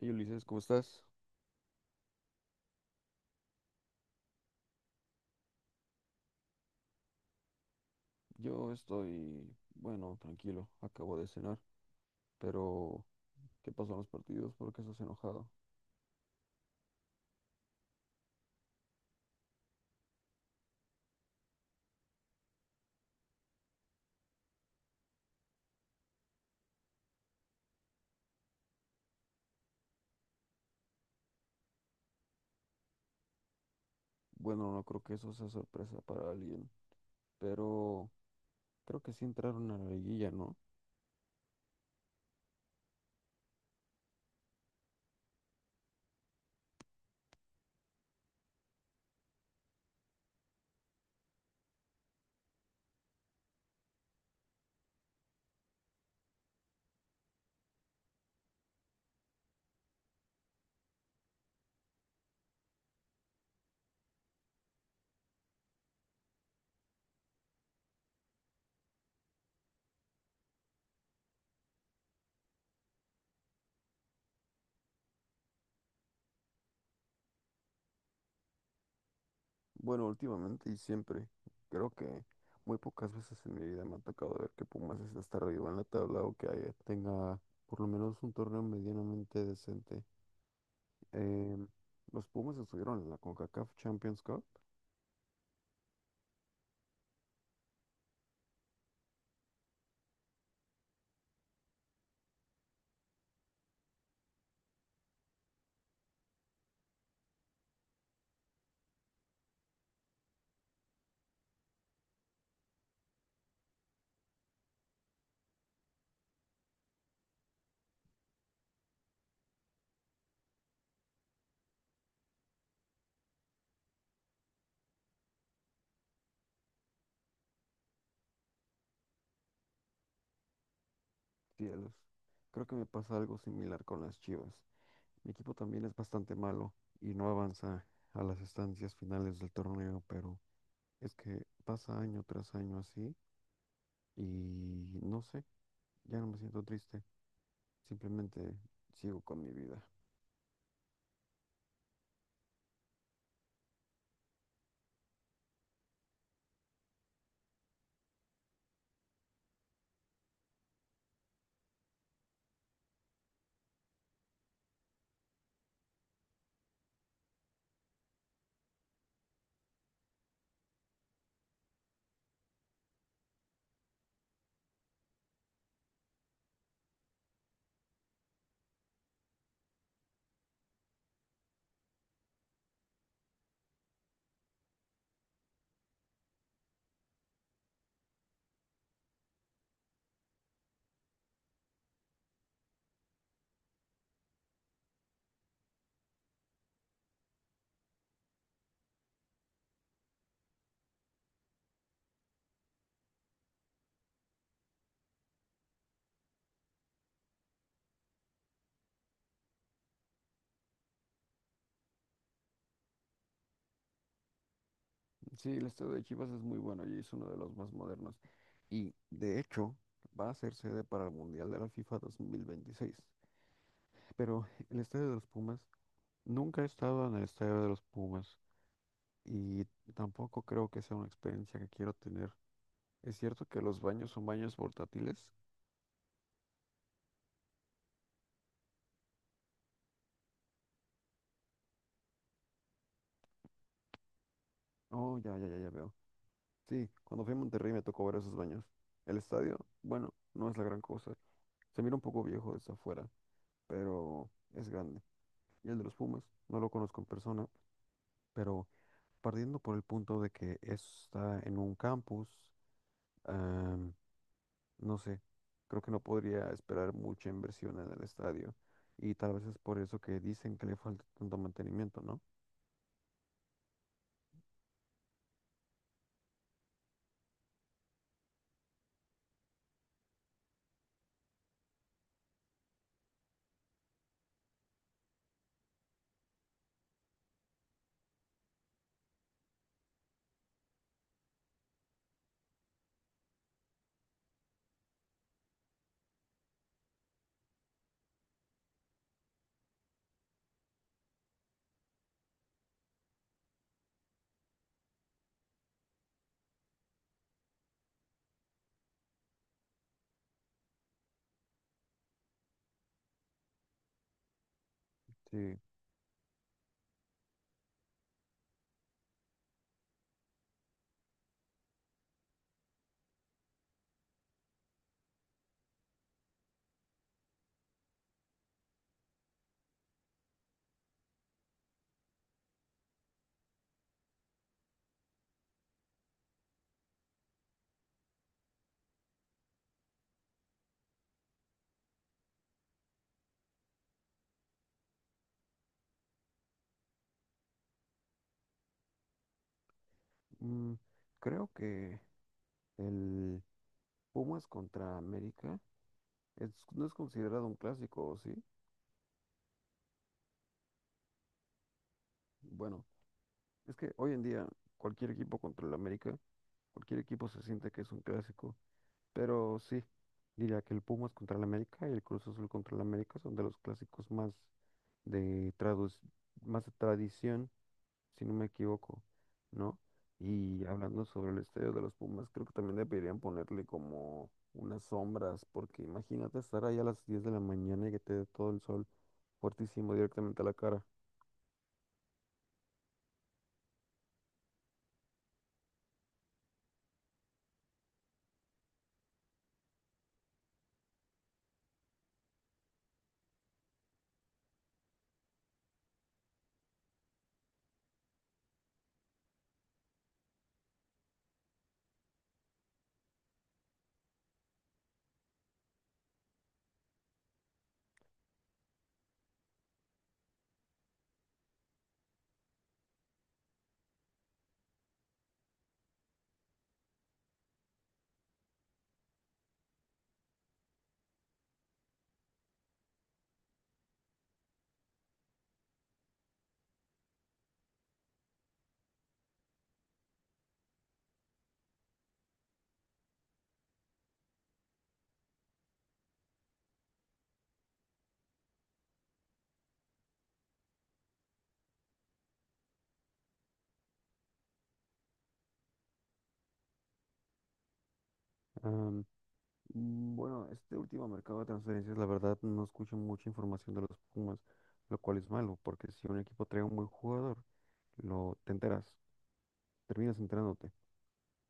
Hey Ulises, ¿cómo estás? Yo estoy, bueno, tranquilo, acabo de cenar, pero ¿qué pasó en los partidos? ¿Por qué estás enojado? Bueno, no creo que eso sea sorpresa para alguien, pero creo que sí entraron a la liguilla, ¿no? Bueno, últimamente y siempre, creo que muy pocas veces en mi vida me ha tocado ver que Pumas esté hasta arriba en la tabla o que tenga por lo menos un torneo medianamente decente. Em, los Pumas estuvieron en la CONCACAF Champions Cup. Cielos. Creo que me pasa algo similar con las Chivas. Mi equipo también es bastante malo y no avanza a las estancias finales del torneo, pero es que pasa año tras año así y no sé, ya no me siento triste, simplemente sigo con mi vida. Sí, el estadio de Chivas es muy bueno y es uno de los más modernos y de hecho va a ser sede para el Mundial de la FIFA 2026, pero el estadio de los Pumas, nunca he estado en el estadio de los Pumas, y tampoco creo que sea una experiencia que quiero tener. ¿Es cierto que los baños son baños portátiles? Oh, ya, ya, ya, ya veo. Sí, cuando fui a Monterrey me tocó ver esos baños. El estadio, bueno, no es la gran cosa. Se mira un poco viejo desde afuera, pero es grande. Y el de los Pumas, no lo conozco en persona, pero partiendo por el punto de que está en un campus, no sé, creo que no podría esperar mucha inversión en el estadio y tal vez es por eso que dicen que le falta tanto mantenimiento, ¿no? Sí, mm, creo que el Pumas contra América no es considerado un clásico, ¿o sí? Bueno, es que hoy en día cualquier equipo contra el América, cualquier equipo se siente que es un clásico, pero sí, diría que el Pumas contra el América y el Cruz Azul contra el América son de los clásicos más de tradu- más de tradición, si no me equivoco, ¿no? Y hablando sobre el estadio de los Pumas, creo que también deberían ponerle como unas sombras, porque imagínate estar ahí a las 10 de la mañana y que te dé todo el sol fuertísimo directamente a la cara. Am, bueno, este último mercado de transferencias, la verdad, no escucho mucha información de los Pumas, lo cual es malo, porque si un equipo trae un buen jugador, lo te enteras, terminas enterándote,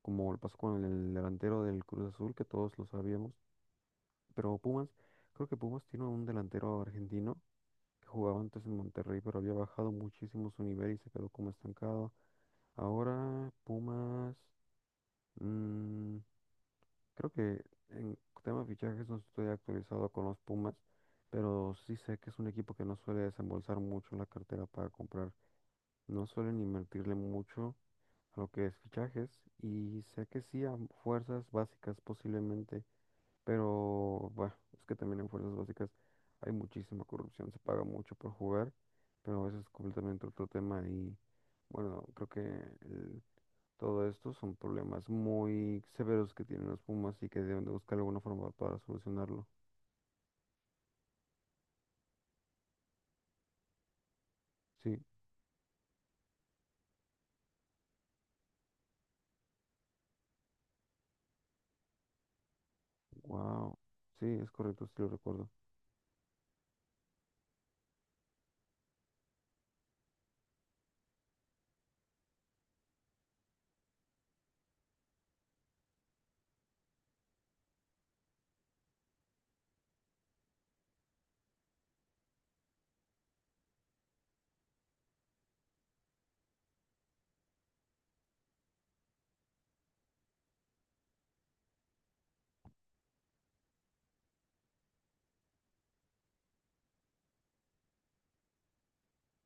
como lo pasó con el delantero del Cruz Azul, que todos lo sabíamos, pero Pumas, creo que Pumas tiene un delantero argentino que jugaba antes en Monterrey, pero había bajado muchísimo su nivel y se quedó como estancado. Ahora Pumas, mm, creo que en tema de fichajes no estoy actualizado con los Pumas, pero sí sé que es un equipo que no suele desembolsar mucho la cartera para comprar, no suelen invertirle mucho a lo que es fichajes y sé que sí a fuerzas básicas posiblemente, pero, bueno, es que también en fuerzas básicas hay muchísima corrupción, se paga mucho por jugar, pero eso es completamente otro tema y, bueno, creo que todo esto son problemas muy severos que tienen los Pumas y que deben de buscar alguna forma para solucionarlo. Sí, wow, sí, es correcto, sí lo recuerdo.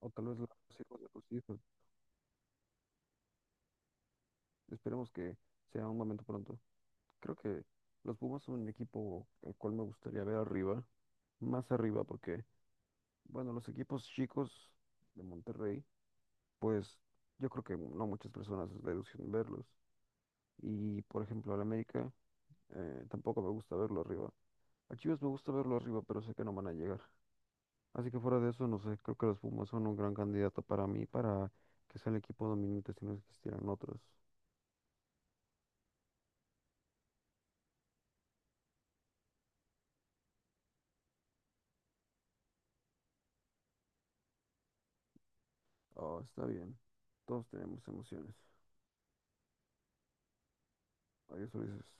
O tal vez los hijos de tus hijos. Esperemos que sea un momento pronto. Creo que los Pumas son un equipo al cual me gustaría ver arriba, más arriba, porque, bueno, los equipos chicos de Monterrey, pues yo creo que no muchas personas les gustan verlos. Y por ejemplo, al América, tampoco me gusta verlo arriba. A Chivas me gusta verlo arriba, pero sé que no van a llegar. Así que fuera de eso, no sé, creo que los Pumas son un gran candidato para mí, para que sea el equipo dominante si no existieran otros. Oh, está bien. Todos tenemos emociones. Adiós, Ulises.